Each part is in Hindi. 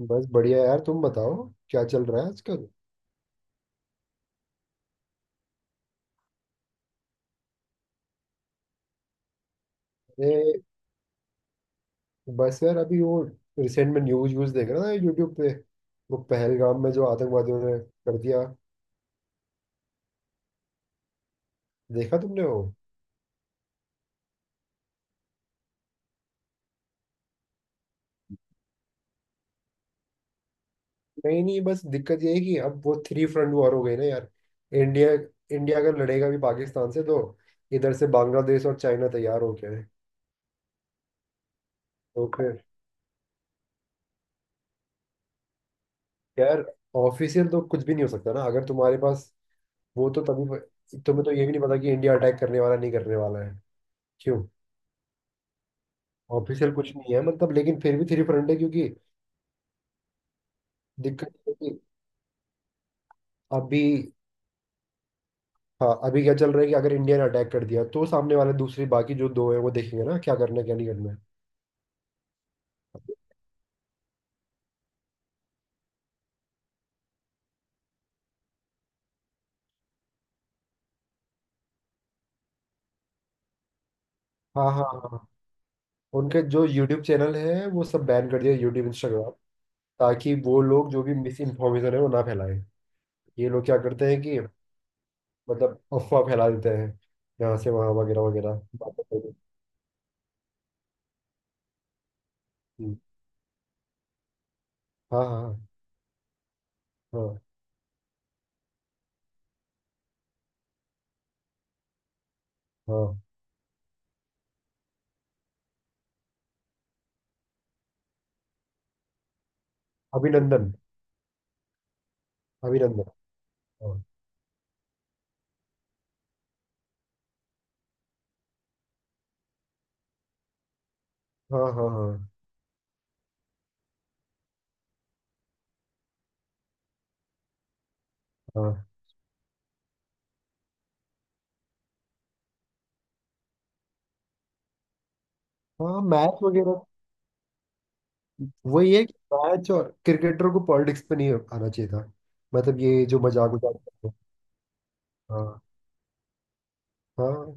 बस बढ़िया यार, तुम बताओ। क्या चल रहा है आजकल? अरे, बस यार अभी वो रिसेंट में न्यूज व्यूज देख रहा था यूट्यूब पे। वो पहलगाम में जो आतंकवादियों ने कर दिया, देखा तुमने वो? नहीं नहीं, बस दिक्कत ये है कि अब वो थ्री फ्रंट वॉर हो गई ना यार। इंडिया इंडिया अगर लड़ेगा भी पाकिस्तान से तो इधर से बांग्लादेश और चाइना तैयार हो गए हैं। तो फिर यार, ऑफिशियल तो कुछ भी नहीं हो सकता ना, अगर तुम्हारे पास। वो तो तभी, तुम्हें तो ये भी नहीं पता कि इंडिया अटैक करने वाला, नहीं करने वाला है, क्यों। ऑफिशियल कुछ नहीं है मतलब, लेकिन फिर भी थ्री फ्रंट है क्योंकि दिक्कत ये है कि अभी। हाँ, अभी क्या चल रहा है कि अगर इंडिया ने अटैक कर दिया तो सामने वाले दूसरी बाकी जो दो है वो देखेंगे ना, क्या करना है क्या नहीं करना है। हाँ हाँ हाँ। उनके जो यूट्यूब चैनल है वो सब बैन कर दिया, यूट्यूब, इंस्टाग्राम। ताकि वो लोग जो भी मिस इन्फॉर्मेशन है वो ना फैलाएं। ये लोग क्या करते हैं कि मतलब अफवाह फैला देते हैं, यहाँ से वहाँ वगैरह वगैरह बातें करके। हम्म, हाँ हाँ हाँ हाँ। अभिनंदन। अभिनंदन। हाँ हाँ हाँ हाँ हाँ हाँ। मैच वगैरह, वही है कि मैच और क्रिकेटरों को पॉलिटिक्स पे नहीं आना चाहिए था, मतलब ये जो मजाक उजाक करते हैं। हाँ हाँ।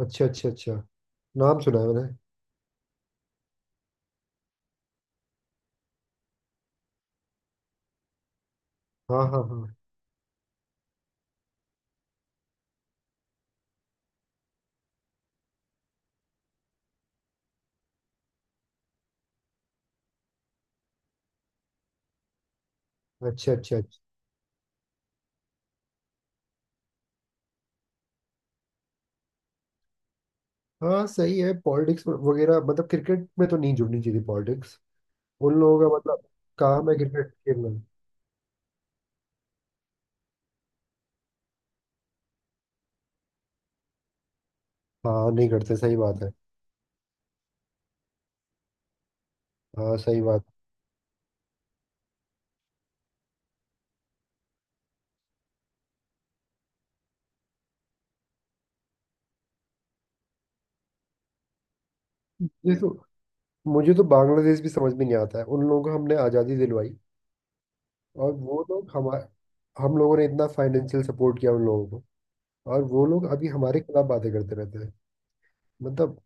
अच्छा अच्छा अच्छा, नाम सुना है मैंने। हाँ हाँ हाँ। अच्छा अच्छा अच्छा। हाँ, सही है, पॉलिटिक्स वगैरह, मतलब क्रिकेट में तो नहीं जुड़नी चाहिए पॉलिटिक्स। उन लोगों का मतलब काम है क्रिकेट खेलना। हाँ, नहीं करते, सही बात है। हाँ, सही बात। मुझे तो मुझे तो बांग्लादेश भी समझ में नहीं आता है, उन लोगों को हमने आज़ादी दिलवाई। और वो लोग हमारे, हम लोगों ने इतना फाइनेंशियल सपोर्ट किया उन लोगों को, और वो लोग अभी हमारे खिलाफ बातें करते रहते हैं। मतलब,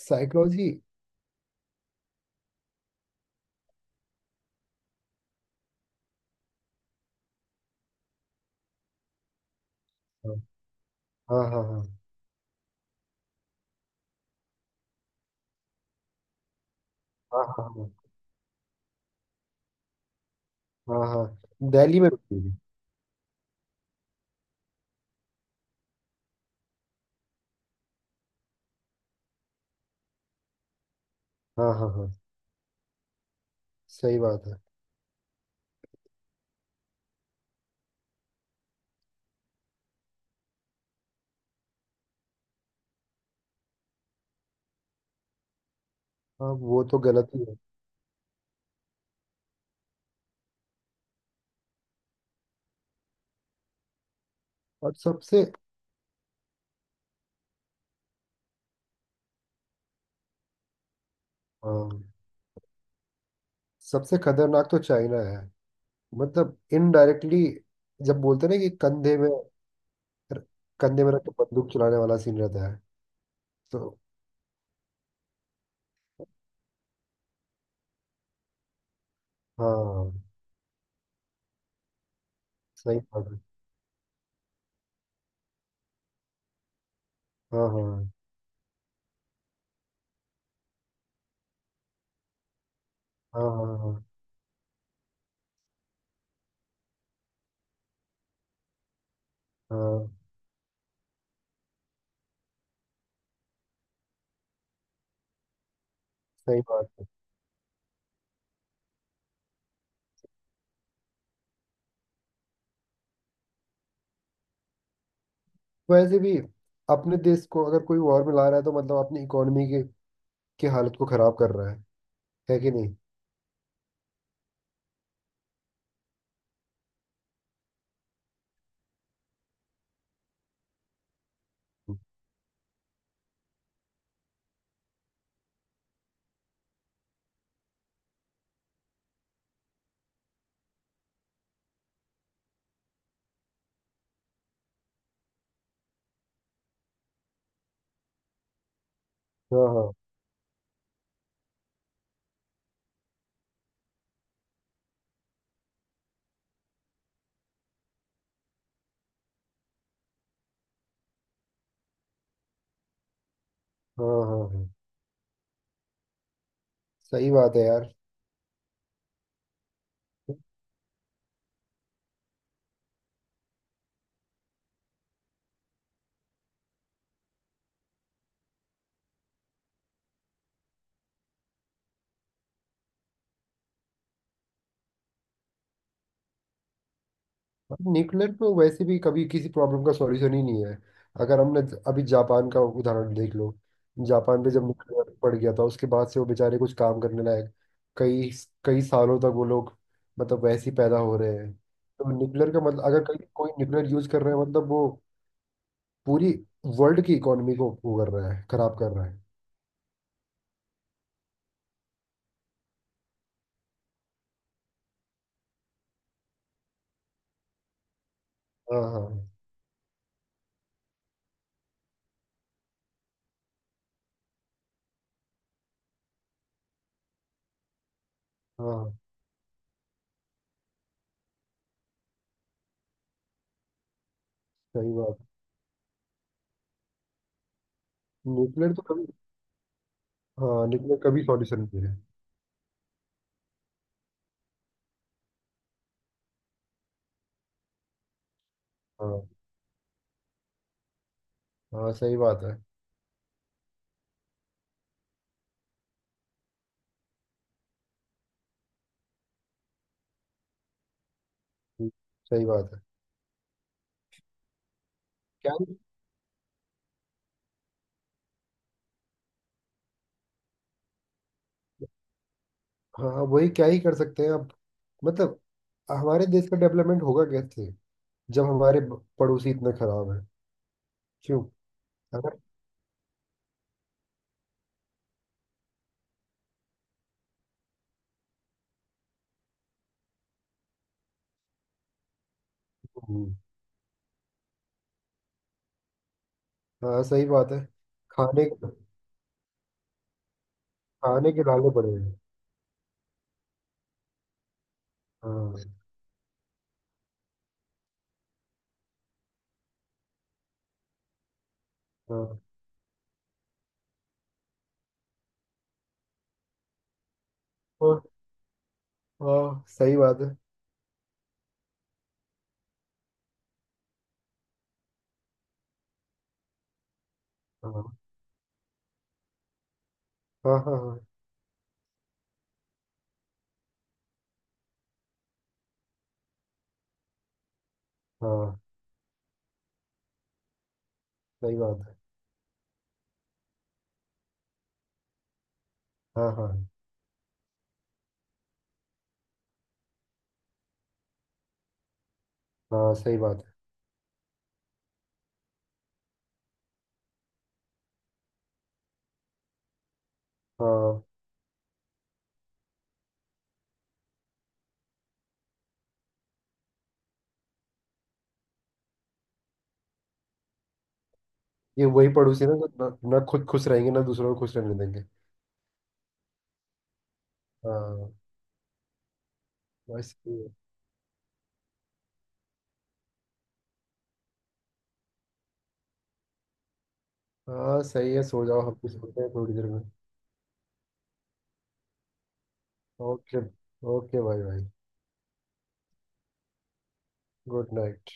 साइकोलॉजी। हाँ हाँ हाँ हाँ हाँ हाँ हाँ हाँ हाँ, दिल्ली में भी हुई। हाँ हाँ हाँ, सही बात है। हाँ, वो तो गलत ही है। और सबसे हाँ, सबसे खतरनाक तो चाइना है, मतलब इनडायरेक्टली। जब बोलते हैं ना कि कंधे में रख के बंदूक चलाने वाला सीन रहता है। तो। हाँ, सही बात है। हाँ हाँ हाँ हाँ हाँ हाँ हाँ। सही बात है। वैसे भी अपने देश को अगर कोई वॉर में ला रहा है तो मतलब अपनी इकोनॉमी के की हालत को खराब कर रहा है कि नहीं? हाँ हाँ हाँ हाँ हाँ, सही बात है यार। न्यूक्लियर तो वैसे भी कभी किसी प्रॉब्लम का सॉल्यूशन ही नहीं है। अगर हमने अभी जापान का उदाहरण देख लो। जापान पे जब न्यूक्लियर पड़ गया था, उसके बाद से वो बेचारे कुछ काम करने लायक, कई कई सालों तक वो लोग मतलब वैसे ही पैदा हो रहे हैं। तो न्यूक्लियर का मतलब, अगर कहीं कोई न्यूक्लियर यूज कर रहे हैं मतलब वो पूरी वर्ल्ड की इकोनॉमी को वो कर रहा है, खराब कर रहा है। हाँ हाँ हाँ, सही बात। न्यूक्लियर तो कभी, हाँ, न्यूक्लियर कभी सॉल्यूशन नहीं है। हाँ हाँ, सही बात है, सही बात है। क्या ही- हाँ हाँ, वही क्या ही कर सकते हैं अब। मतलब, हमारे देश का डेवलपमेंट होगा कैसे, जब हमारे पड़ोसी इतने खराब हैं, क्यों? अगर। हम्म, हाँ, सही बात है। खाने खाने के लाले पड़े हैं। हाँ हाँ। और, हाँ, सही बात है। हाँ हाँ हाँ हाँ हाँ, सही बात है। हाँ हाँ हाँ, सही बात है। हाँ, ये वही पड़ोसी ना, जो ना, ना खुद खुश रहेंगे ना दूसरों को खुश रहने देंगे। हाँ, बस सही है। हाँ, सही है, सो जाओ, हम भी सोते हैं थोड़ी देर में। ओके। ओके भाई भाई, गुड नाइट।